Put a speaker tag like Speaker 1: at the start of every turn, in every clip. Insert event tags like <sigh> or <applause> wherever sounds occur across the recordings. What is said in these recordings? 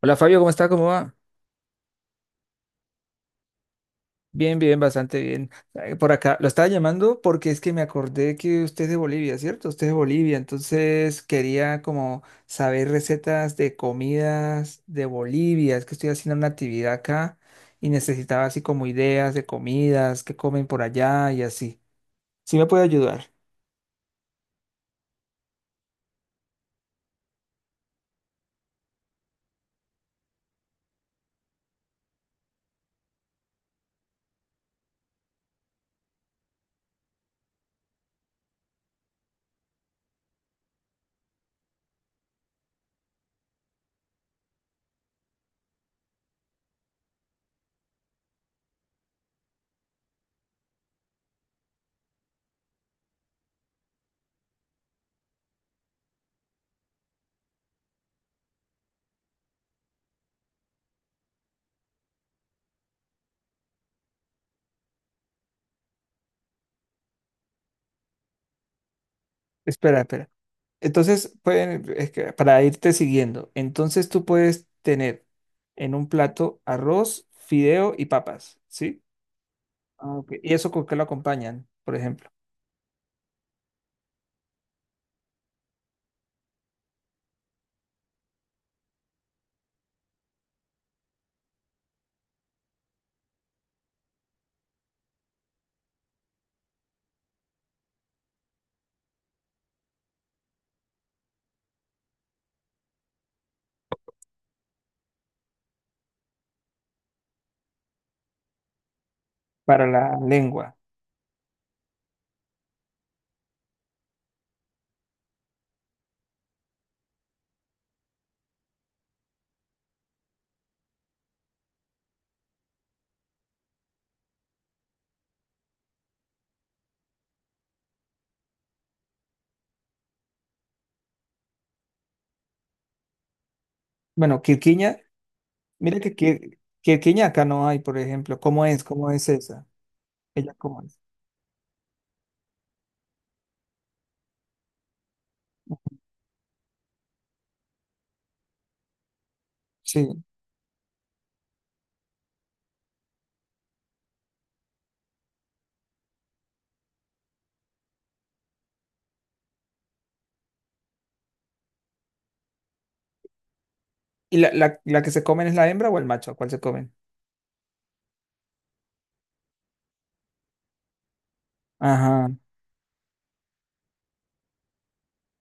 Speaker 1: Hola Fabio, ¿cómo está? ¿Cómo va? Bien, bien, bastante bien. Ay, por acá, lo estaba llamando porque es que me acordé que usted es de Bolivia, ¿cierto? Usted es de Bolivia, entonces quería como saber recetas de comidas de Bolivia. Es que estoy haciendo una actividad acá y necesitaba así como ideas de comidas, que comen por allá y así. ¿Sí me puede ayudar? Espera, espera. Entonces, pueden, es que para irte siguiendo, entonces tú puedes tener en un plato arroz, fideo y papas, ¿sí? Ah, ok. ¿Y eso con qué lo acompañan, por ejemplo, para la lengua? Bueno, quirquiña, mira que quirquiña acá no hay, por ejemplo. ¿Cómo es? ¿Cómo es esa? Ella, ¿cómo es? Sí. ¿Y la que se comen es la hembra o el macho? ¿Cuál se comen? Ajá.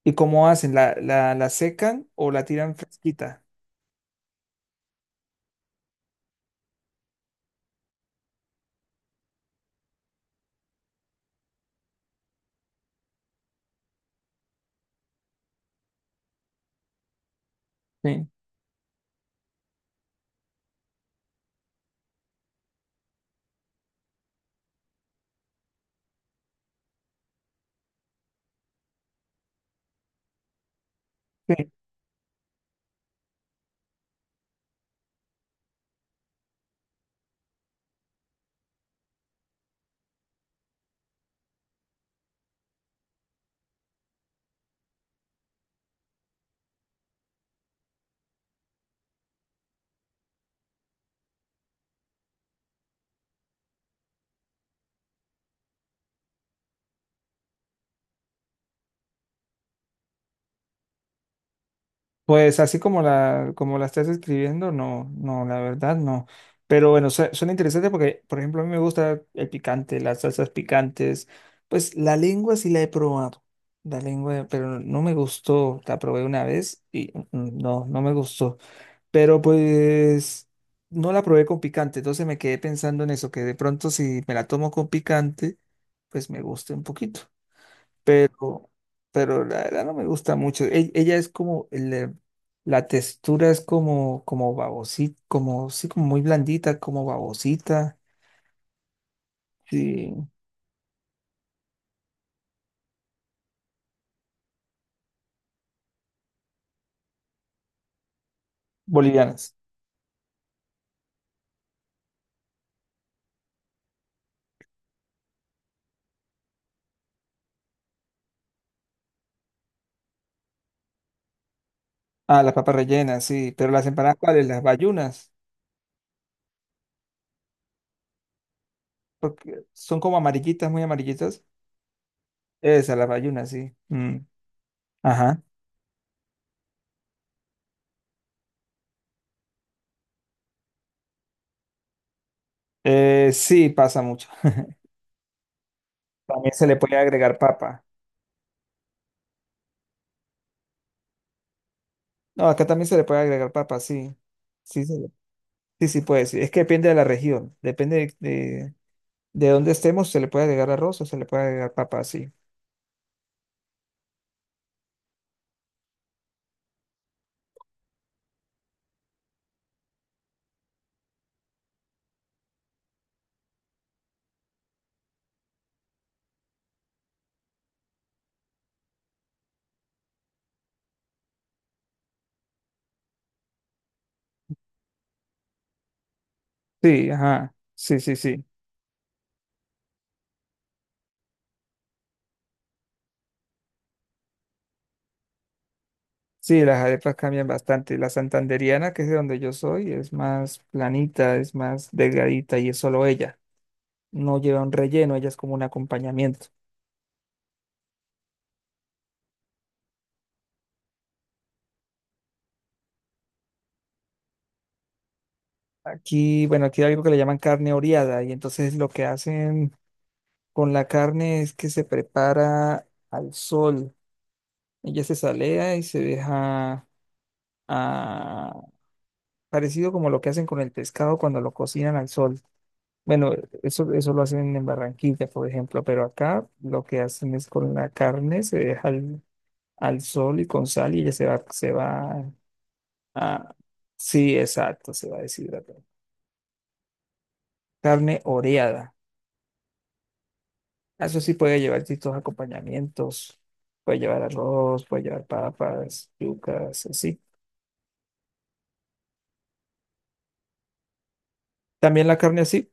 Speaker 1: ¿Y cómo hacen? ¿La secan o la tiran fresquita? Sí. Sí. Pues así como la estás escribiendo, no, no, la verdad no. Pero bueno, suena interesante porque, por ejemplo, a mí me gusta el picante, las salsas picantes. Pues la lengua sí la he probado. La lengua, pero no me gustó. La probé una vez y no, no me gustó. Pero pues no la probé con picante. Entonces me quedé pensando en eso, que de pronto si me la tomo con picante, pues me guste un poquito pero, pero la verdad no me gusta mucho. Ella es como, la textura es como, como babosita, como, sí, como muy blandita, como babosita, sí, bolivianas. Ah, las papas rellenas, sí, pero las empanadas, ¿cuáles? Las bayunas, porque son como amarillitas, muy amarillitas. Esas, las bayunas, sí. Mm. Ajá. Sí, pasa mucho. <laughs> También se le puede agregar papa. No, acá también se le puede agregar papa, sí. Sí, se le- sí, sí puede, sí. Es que depende de la región, depende de donde estemos se le puede agregar arroz o se le puede agregar papa, sí. Sí, ajá. Sí, sí, sí. Sí, las arepas cambian bastante. La santandereana, que es de donde yo soy, es más planita, es más delgadita y es solo ella. No lleva un relleno, ella es como un acompañamiento. Aquí, bueno, aquí hay algo que le llaman carne oreada y entonces lo que hacen con la carne es que se prepara al sol. Ella se salea y se deja, ah, parecido como lo que hacen con el pescado cuando lo cocinan al sol. Bueno, eso lo hacen en Barranquilla, por ejemplo, pero acá lo que hacen es con la carne, se deja al, al sol y con sal y ya se va a... Sí, exacto, se va a deshidratar. Carne oreada. Eso sí puede llevar distintos acompañamientos. Puede llevar arroz, puede llevar papas, yucas, así. También la carne así.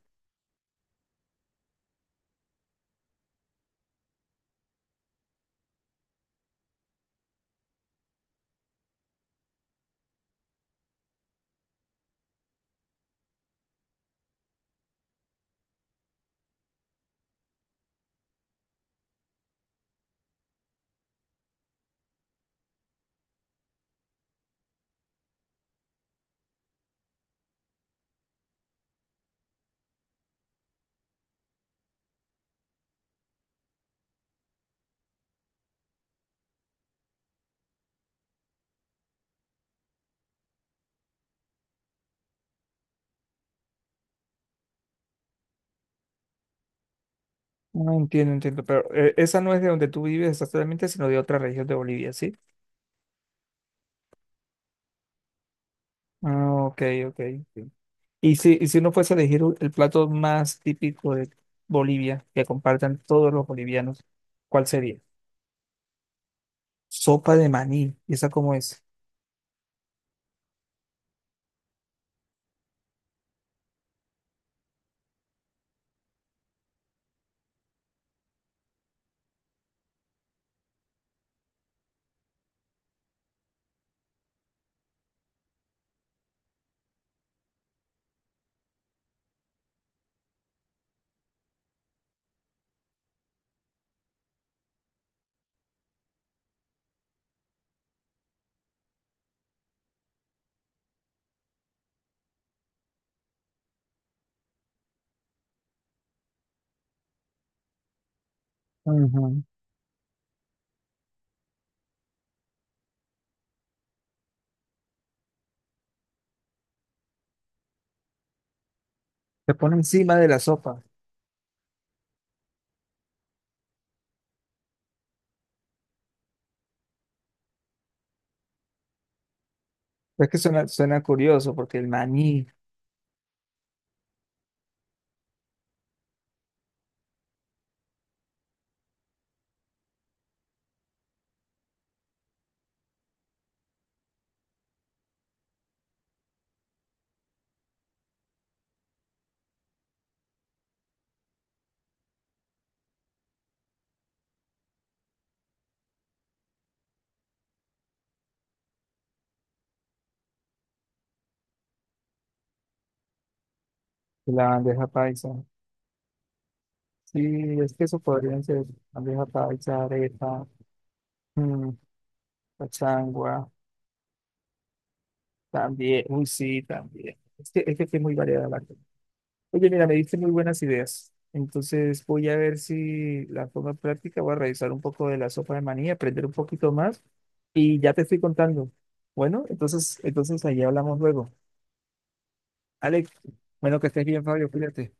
Speaker 1: No entiendo, entiendo, pero esa no es de donde tú vives exactamente, sino de otra región de Bolivia, ¿sí? Ah, ok, ok. Ok. Y si uno fuese a elegir el plato más típico de Bolivia, que compartan todos los bolivianos, ¿cuál sería? Sopa de maní. ¿Y esa cómo es? Ujú. Se pone encima de la sopa. Es que suena, suena curioso, porque el maní, la bandeja paisa. Sí, es que eso podrían ser bandeja paisa, arepa, mm, cachangua, también. Uy, sí, también. Es que aquí es muy variada la cosa. Oye, mira, me diste muy buenas ideas. Entonces voy a ver si la forma práctica, voy a revisar un poco de la sopa de maní, aprender un poquito más y ya te estoy contando. Bueno, entonces, entonces ahí hablamos luego. Alex, bueno, que estés bien, Fabio, cuídate.